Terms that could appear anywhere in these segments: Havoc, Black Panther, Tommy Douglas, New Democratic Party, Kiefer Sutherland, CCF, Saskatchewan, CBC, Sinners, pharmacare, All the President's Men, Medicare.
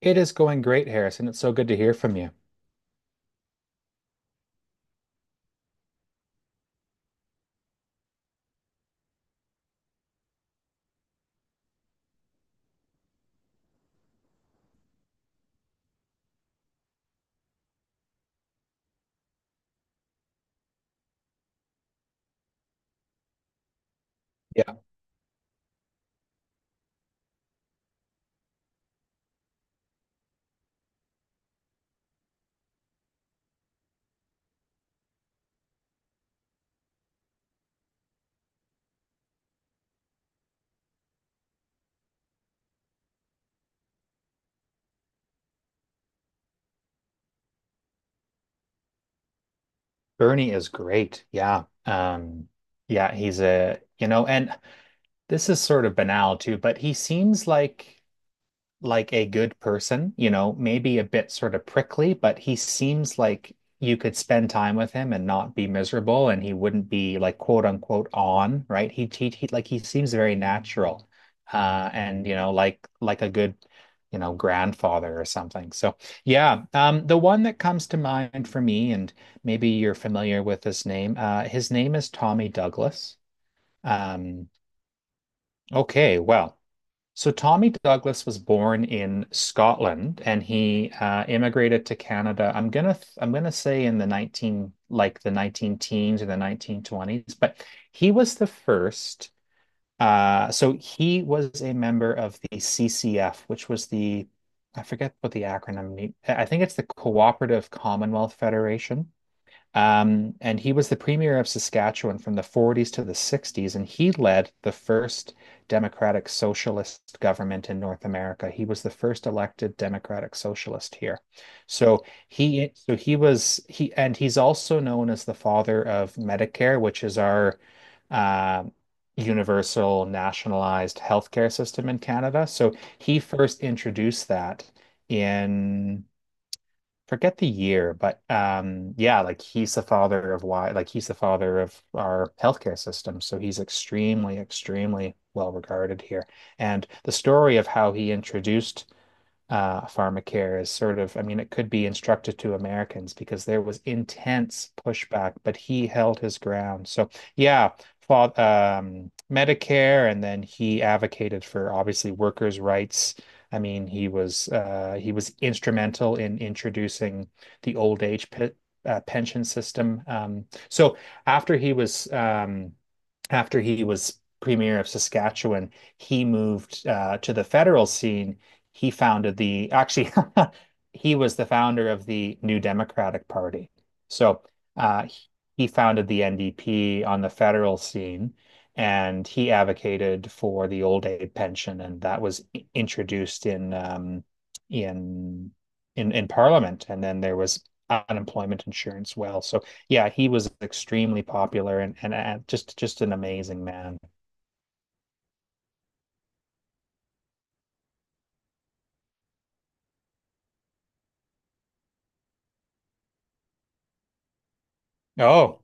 It is going great, Harrison. It's so good to hear from you. Yeah, Bernie is great. Yeah. Yeah, he's a, you know, and this is sort of banal too, but he seems like a good person, you know, maybe a bit sort of prickly, but he seems like you could spend time with him and not be miserable and he wouldn't be like quote unquote on, right? He seems very natural. And you know, like a good, you know, grandfather or something. So, yeah, the one that comes to mind for me and maybe you're familiar with his name is Tommy Douglas. Um okay, well, so Tommy Douglas was born in Scotland and he immigrated to Canada. I'm gonna say in the 19 like the 19 teens or the 1920s, but he was the first. So he was a member of the CCF, which was the I forget what the acronym mean. I think it's the Cooperative Commonwealth Federation. And he was the premier of Saskatchewan from the 40s to the 60s, and he led the first democratic socialist government in North America. He was the first elected democratic socialist here. So he was he and he's also known as the father of Medicare, which is our uh, universal nationalized healthcare system in Canada. So he first introduced that in forget the year, but yeah, he's the father of our healthcare system. So he's extremely, extremely well regarded here. And the story of how he introduced pharmacare is sort of, I mean, it could be instructive to Americans because there was intense pushback, but he held his ground. So, yeah, fought, Medicare, and then he advocated for obviously workers' rights. I mean, he was instrumental in introducing the old age pe pension system. So after he was um, after he was premier of Saskatchewan, he moved to the federal scene he founded the actually he was the founder of the New Democratic Party. So he founded the NDP on the federal scene, and he advocated for the old age pension, and that was introduced in in Parliament, and then there was unemployment insurance. Well, so yeah, he was extremely popular and just an amazing man. Oh,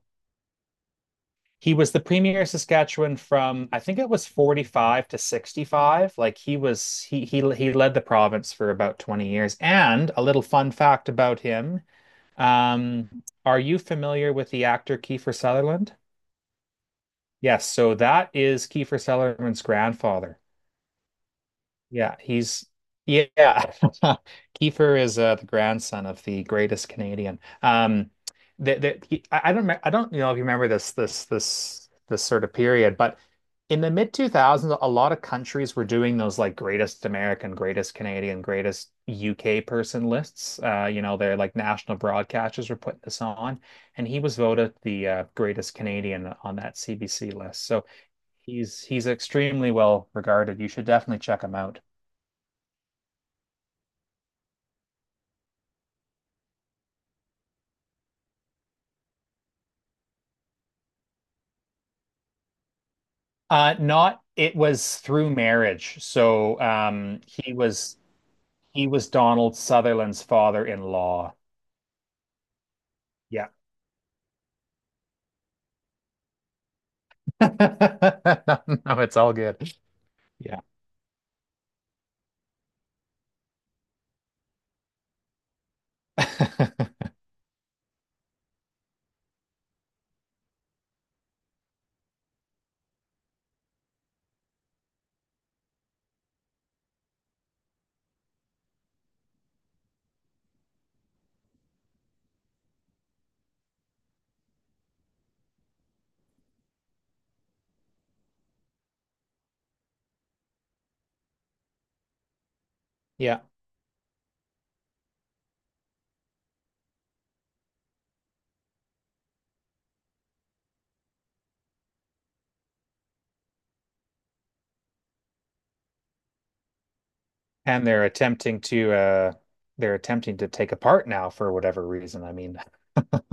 he was the premier Saskatchewan from I think it was 45 to 65. Like he was he led the province for about 20 years. And a little fun fact about him. Are you familiar with the actor Kiefer Sutherland? Yes, so that is Kiefer Sutherland's grandfather. Yeah, he's yeah. Kiefer is the grandson of the greatest Canadian. That that he, I don't me- I don't you know if you remember this sort of period, but in the mid 2000s, a lot of countries were doing those like greatest American, greatest Canadian, greatest UK person lists. You know, they're like national broadcasters were putting this on, and he was voted the greatest Canadian on that CBC list. So he's extremely well regarded. You should definitely check him out. Not it was through marriage. So he was Donald Sutherland's father-in-law. Yeah. No, it's all good. Yeah. Yeah. And they're attempting to take apart now for whatever reason. I mean,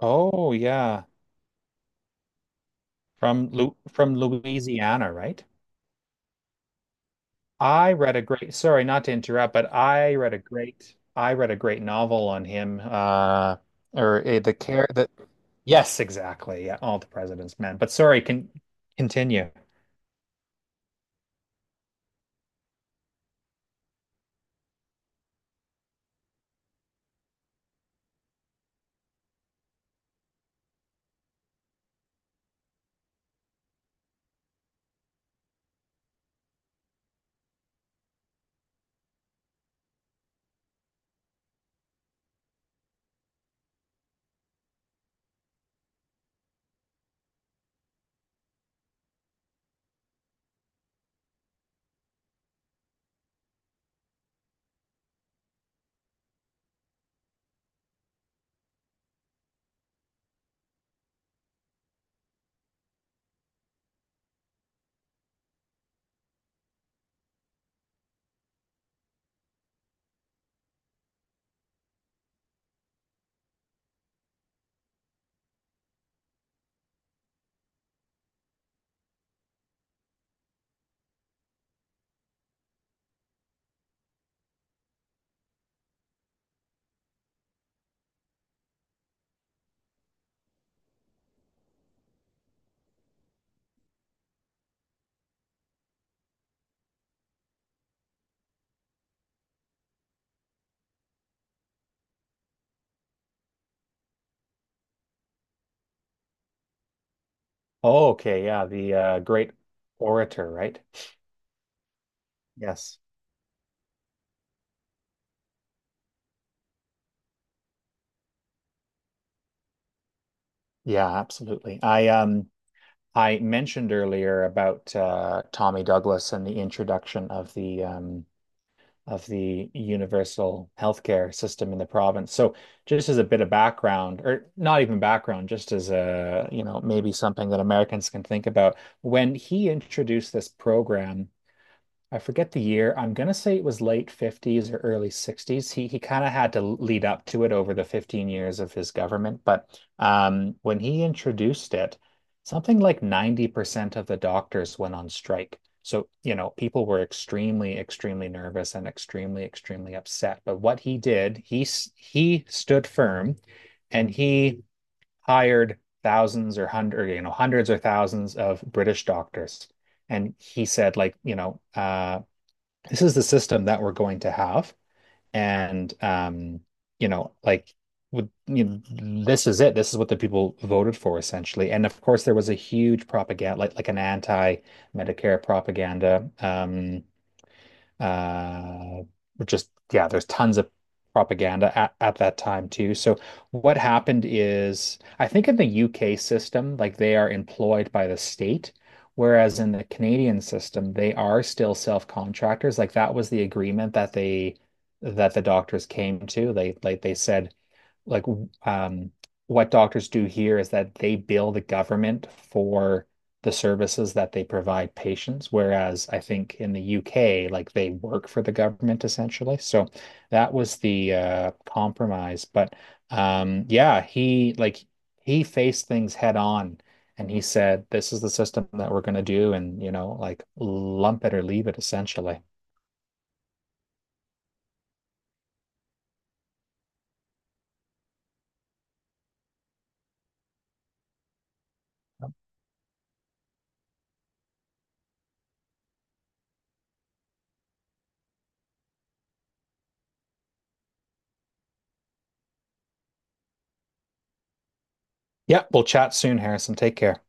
oh yeah. From Louisiana, right? I read a great, sorry, not to interrupt, but I read a great novel on him. Or the care that, yes, exactly. Yeah, All the President's Men. But sorry, can continue. Oh, okay, yeah, the great orator, right? Yes. Yeah, absolutely. I mentioned earlier about Tommy Douglas and the introduction of the of the universal healthcare system in the province. So just as a bit of background, or not even background, just as a, you know, maybe something that Americans can think about, when he introduced this program I forget the year. I'm gonna say it was late 50s or early 60s. He kind of had to lead up to it over the 15 years of his government, but when he introduced it, something like 90% of the doctors went on strike. So, you know, people were extremely, extremely nervous and extremely, extremely upset. But what he did, he stood firm and he hired thousands or hundred, you know, hundreds or thousands of British doctors. And he said, like, you know, this is the system that we're going to have. And you know, like with, you know, this is it. This is what the people voted for essentially. And of course, there was a huge propaganda, like an anti-Medicare propaganda uh, just yeah, there's tons of propaganda at that time too. So what happened is I think in the UK system, like they are employed by the state, whereas in the Canadian system, they are still self-contractors. Like that was the agreement that the doctors came to. They like they said like um, what doctors do here is that they bill the government for the services that they provide patients, whereas I think in the UK, like they work for the government essentially. So that was the compromise. But yeah, he faced things head on. And he said, "This is the system that we're going to do, and you know, like lump it or leave it, essentially." Yeah, we'll chat soon, Harrison. Take care.